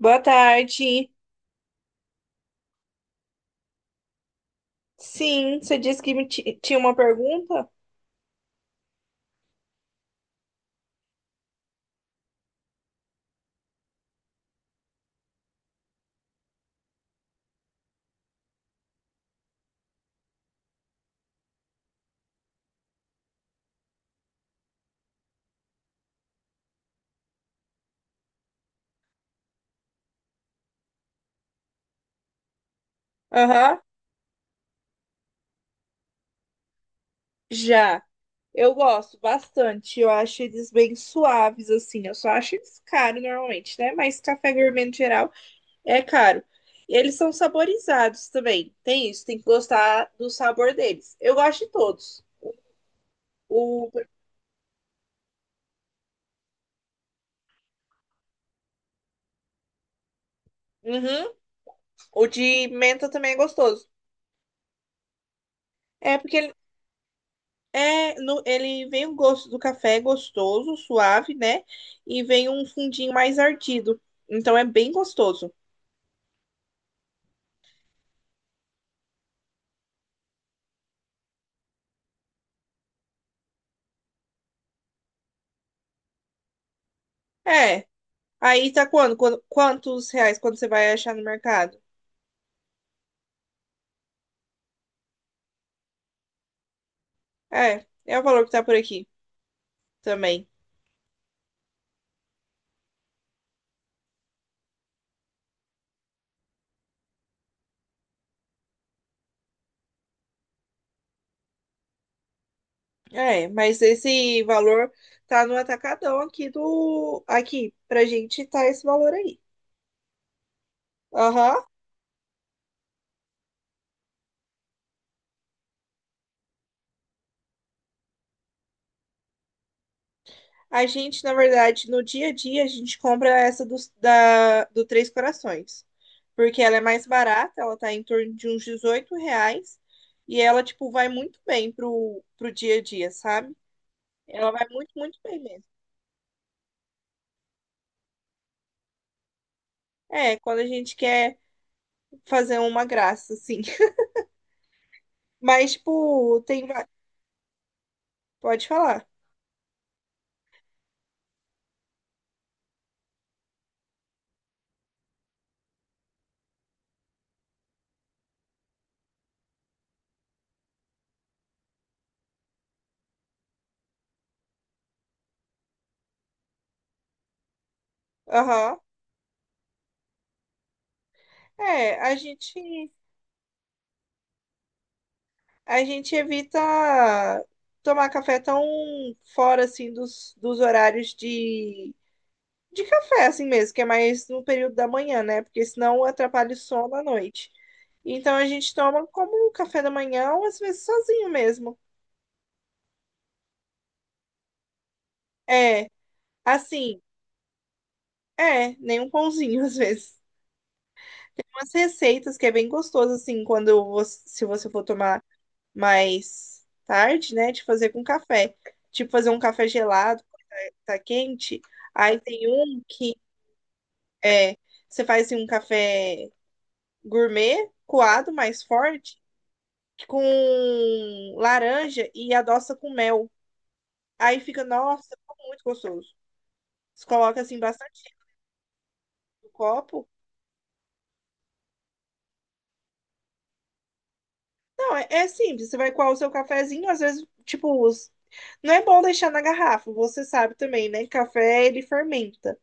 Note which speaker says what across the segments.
Speaker 1: Boa tarde. Sim, você disse que me tinha uma pergunta? Aham, já. Eu gosto bastante. Eu acho eles bem suaves, assim. Eu só acho eles caros normalmente, né? Mas café gourmet no geral é caro. E eles são saborizados também. Tem isso, tem que gostar do sabor deles. Eu gosto de todos. O, uhum, o de menta também é gostoso. É porque ele É, ele vem o gosto do café gostoso, suave, né? E vem um fundinho mais ardido. Então é bem gostoso. É. Aí tá quando? Quando, quantos reais quando você vai achar no mercado? É, é o valor que tá por aqui também. É, mas esse valor tá no atacadão aqui do. Aqui, pra gente tá esse valor aí. Aham. A gente, na verdade, no dia a dia, a gente compra essa do Três Corações. Porque ela é mais barata, ela tá em torno de uns 18 reais. E ela, tipo, vai muito bem pro dia a dia, sabe? Ela vai muito, muito bem mesmo. É, quando a gente quer fazer uma graça, assim. Mas, tipo, tem. Pode falar. Aham. É, a gente evita tomar café tão fora, assim, dos horários de café, assim mesmo, que é mais no período da manhã, né? Porque senão atrapalha o sono à noite. Então a gente toma como um café da manhã, ou às vezes sozinho mesmo. É, assim, é, nem um pãozinho às vezes. Umas receitas que é bem gostoso, assim, quando você, se você for tomar mais tarde, né? De fazer com café. Tipo, fazer um café gelado, tá quente. Aí tem um que é, você faz assim, um café gourmet, coado, mais forte, com laranja e adoça com mel. Aí fica, nossa, ficou muito gostoso. Você coloca assim bastante no copo. Não, é, é simples. Você vai coar o seu cafezinho, às vezes, tipo, não é bom deixar na garrafa. Você sabe também, né? Café ele fermenta.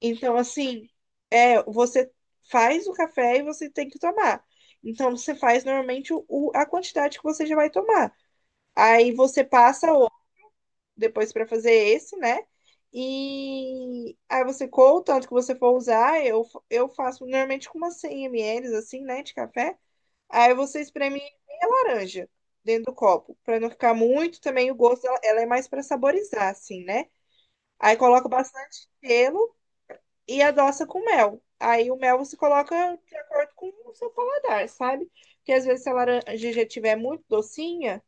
Speaker 1: Então, assim, é, você faz o café e você tem que tomar. Então, você faz normalmente a quantidade que você já vai tomar. Aí você passa depois para fazer esse, né? E aí você coa o tanto que você for usar, eu faço normalmente com umas 100 ml, assim, né, de café. Aí você espreme meia laranja dentro do copo, para não ficar muito também o gosto, ela é mais para saborizar, assim, né? Aí coloca bastante gelo e adoça com mel. Aí o mel você coloca de acordo com o seu paladar, sabe? Porque às vezes se a laranja já estiver muito docinha,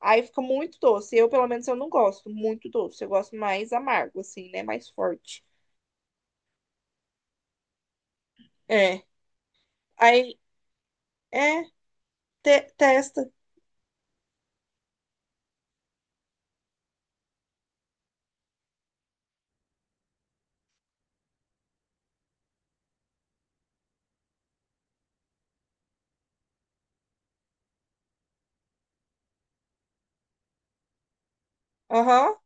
Speaker 1: aí fica muito doce. Eu, pelo menos, eu não gosto muito doce. Eu gosto mais amargo, assim, né? Mais forte. É. Aí, é, testa. Aham.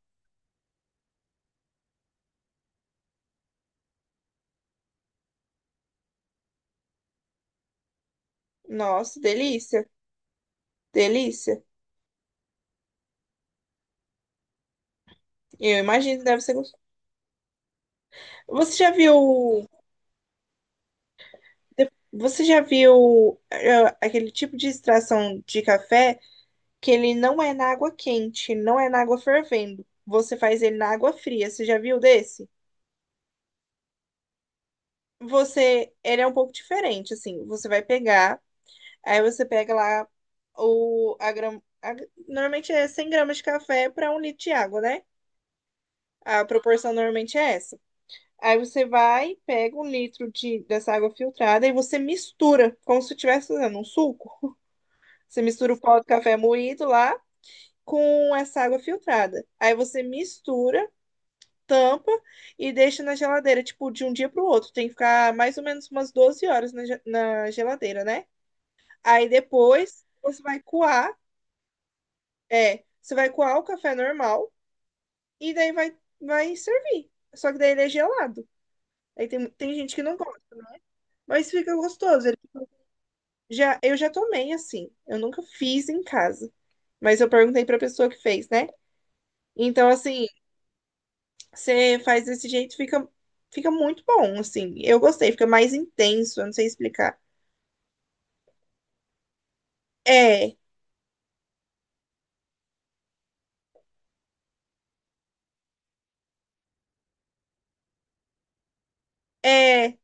Speaker 1: Nossa, delícia. Delícia. Eu imagino que deve ser gostoso. Você já viu. Você já viu aquele tipo de extração de café que ele não é na água quente, não é na água fervendo. Você faz ele na água fria. Você já viu desse? Você, ele é um pouco diferente, assim. Você vai pegar. Aí você pega lá a grama. Normalmente é 100 gramas de café para 1 litro de água, né? A proporção normalmente é essa. Aí você vai, pega 1 litro de, dessa água filtrada e você mistura, como se estivesse fazendo um suco. Você mistura o pó do café moído lá com essa água filtrada. Aí você mistura, tampa e deixa na geladeira, tipo, de um dia para o outro. Tem que ficar mais ou menos umas 12 horas na, na geladeira, né? Aí depois você vai coar. É, você vai coar o café normal e daí vai servir. Só que daí ele é gelado. Aí tem, tem gente que não gosta, né? Mas fica gostoso. Já, eu já tomei assim. Eu nunca fiz em casa. Mas eu perguntei pra pessoa que fez, né? Então, assim, você faz desse jeito, fica, fica muito bom, assim. Eu gostei, fica mais intenso, eu não sei explicar. É, é,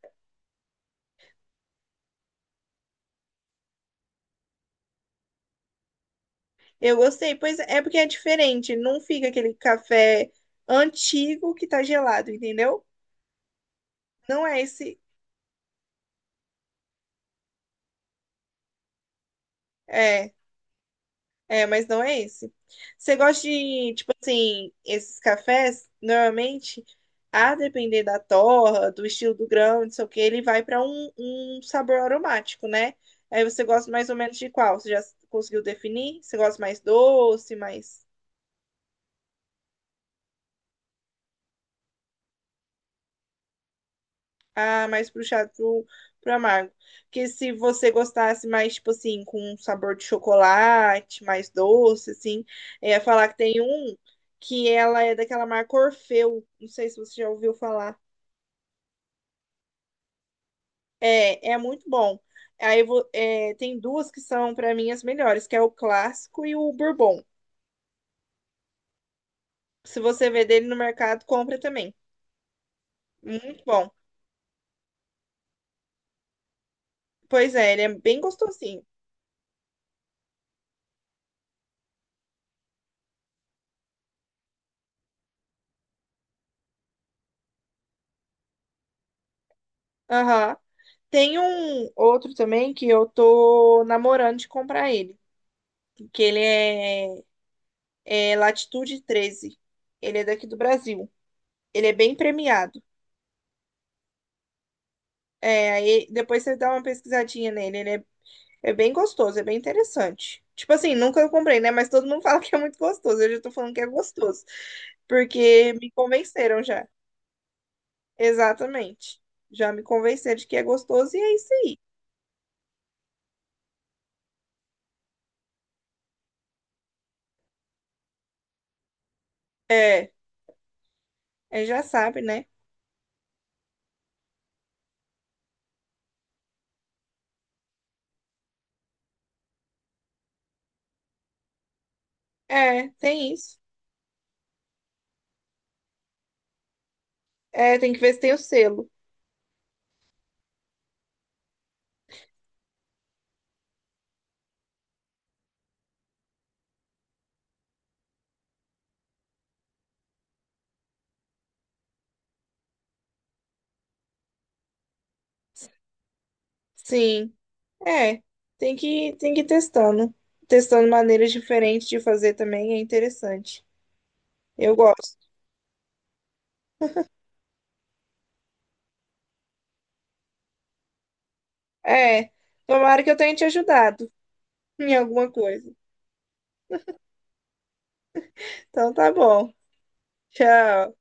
Speaker 1: eu gostei. Pois é, é porque é diferente. Não fica aquele café antigo que tá gelado, entendeu? Não é esse. É, é, mas não é esse. Você gosta de, tipo assim, esses cafés, normalmente, a depender da torra, do estilo do grão, não sei o que, ele vai para um sabor aromático, né? Aí você gosta mais ou menos de qual? Você já conseguiu definir? Você gosta mais doce, mais. Ah, mais puxado pro, pro amargo. Porque se você gostasse mais, tipo assim, com um sabor de chocolate, mais doce, assim, é falar que tem um que ela é daquela marca Orfeu. Não sei se você já ouviu falar. É, é muito bom. É, tem duas que são, pra mim, as melhores, que é o clássico e o bourbon. Se você vê dele no mercado, compra também. Muito bom. Pois é, ele é bem gostosinho. Aham. Tem um outro também que eu tô namorando de comprar ele, que ele é, é Latitude 13. Ele é daqui do Brasil. Ele é bem premiado. É, aí depois você dá uma pesquisadinha nele. Ele é, é bem gostoso, é bem interessante. Tipo assim, nunca comprei, né? Mas todo mundo fala que é muito gostoso. Eu já tô falando que é gostoso, porque me convenceram já. Exatamente. Já me convenceram de que é gostoso e é isso aí. É, Já sabe, né? É, tem isso. É, tem que ver se tem o selo. Sim, é. Tem que ir testando. Testando maneiras diferentes de fazer também é interessante. Eu gosto. É. Tomara que eu tenha te ajudado em alguma coisa. Então tá bom. Tchau.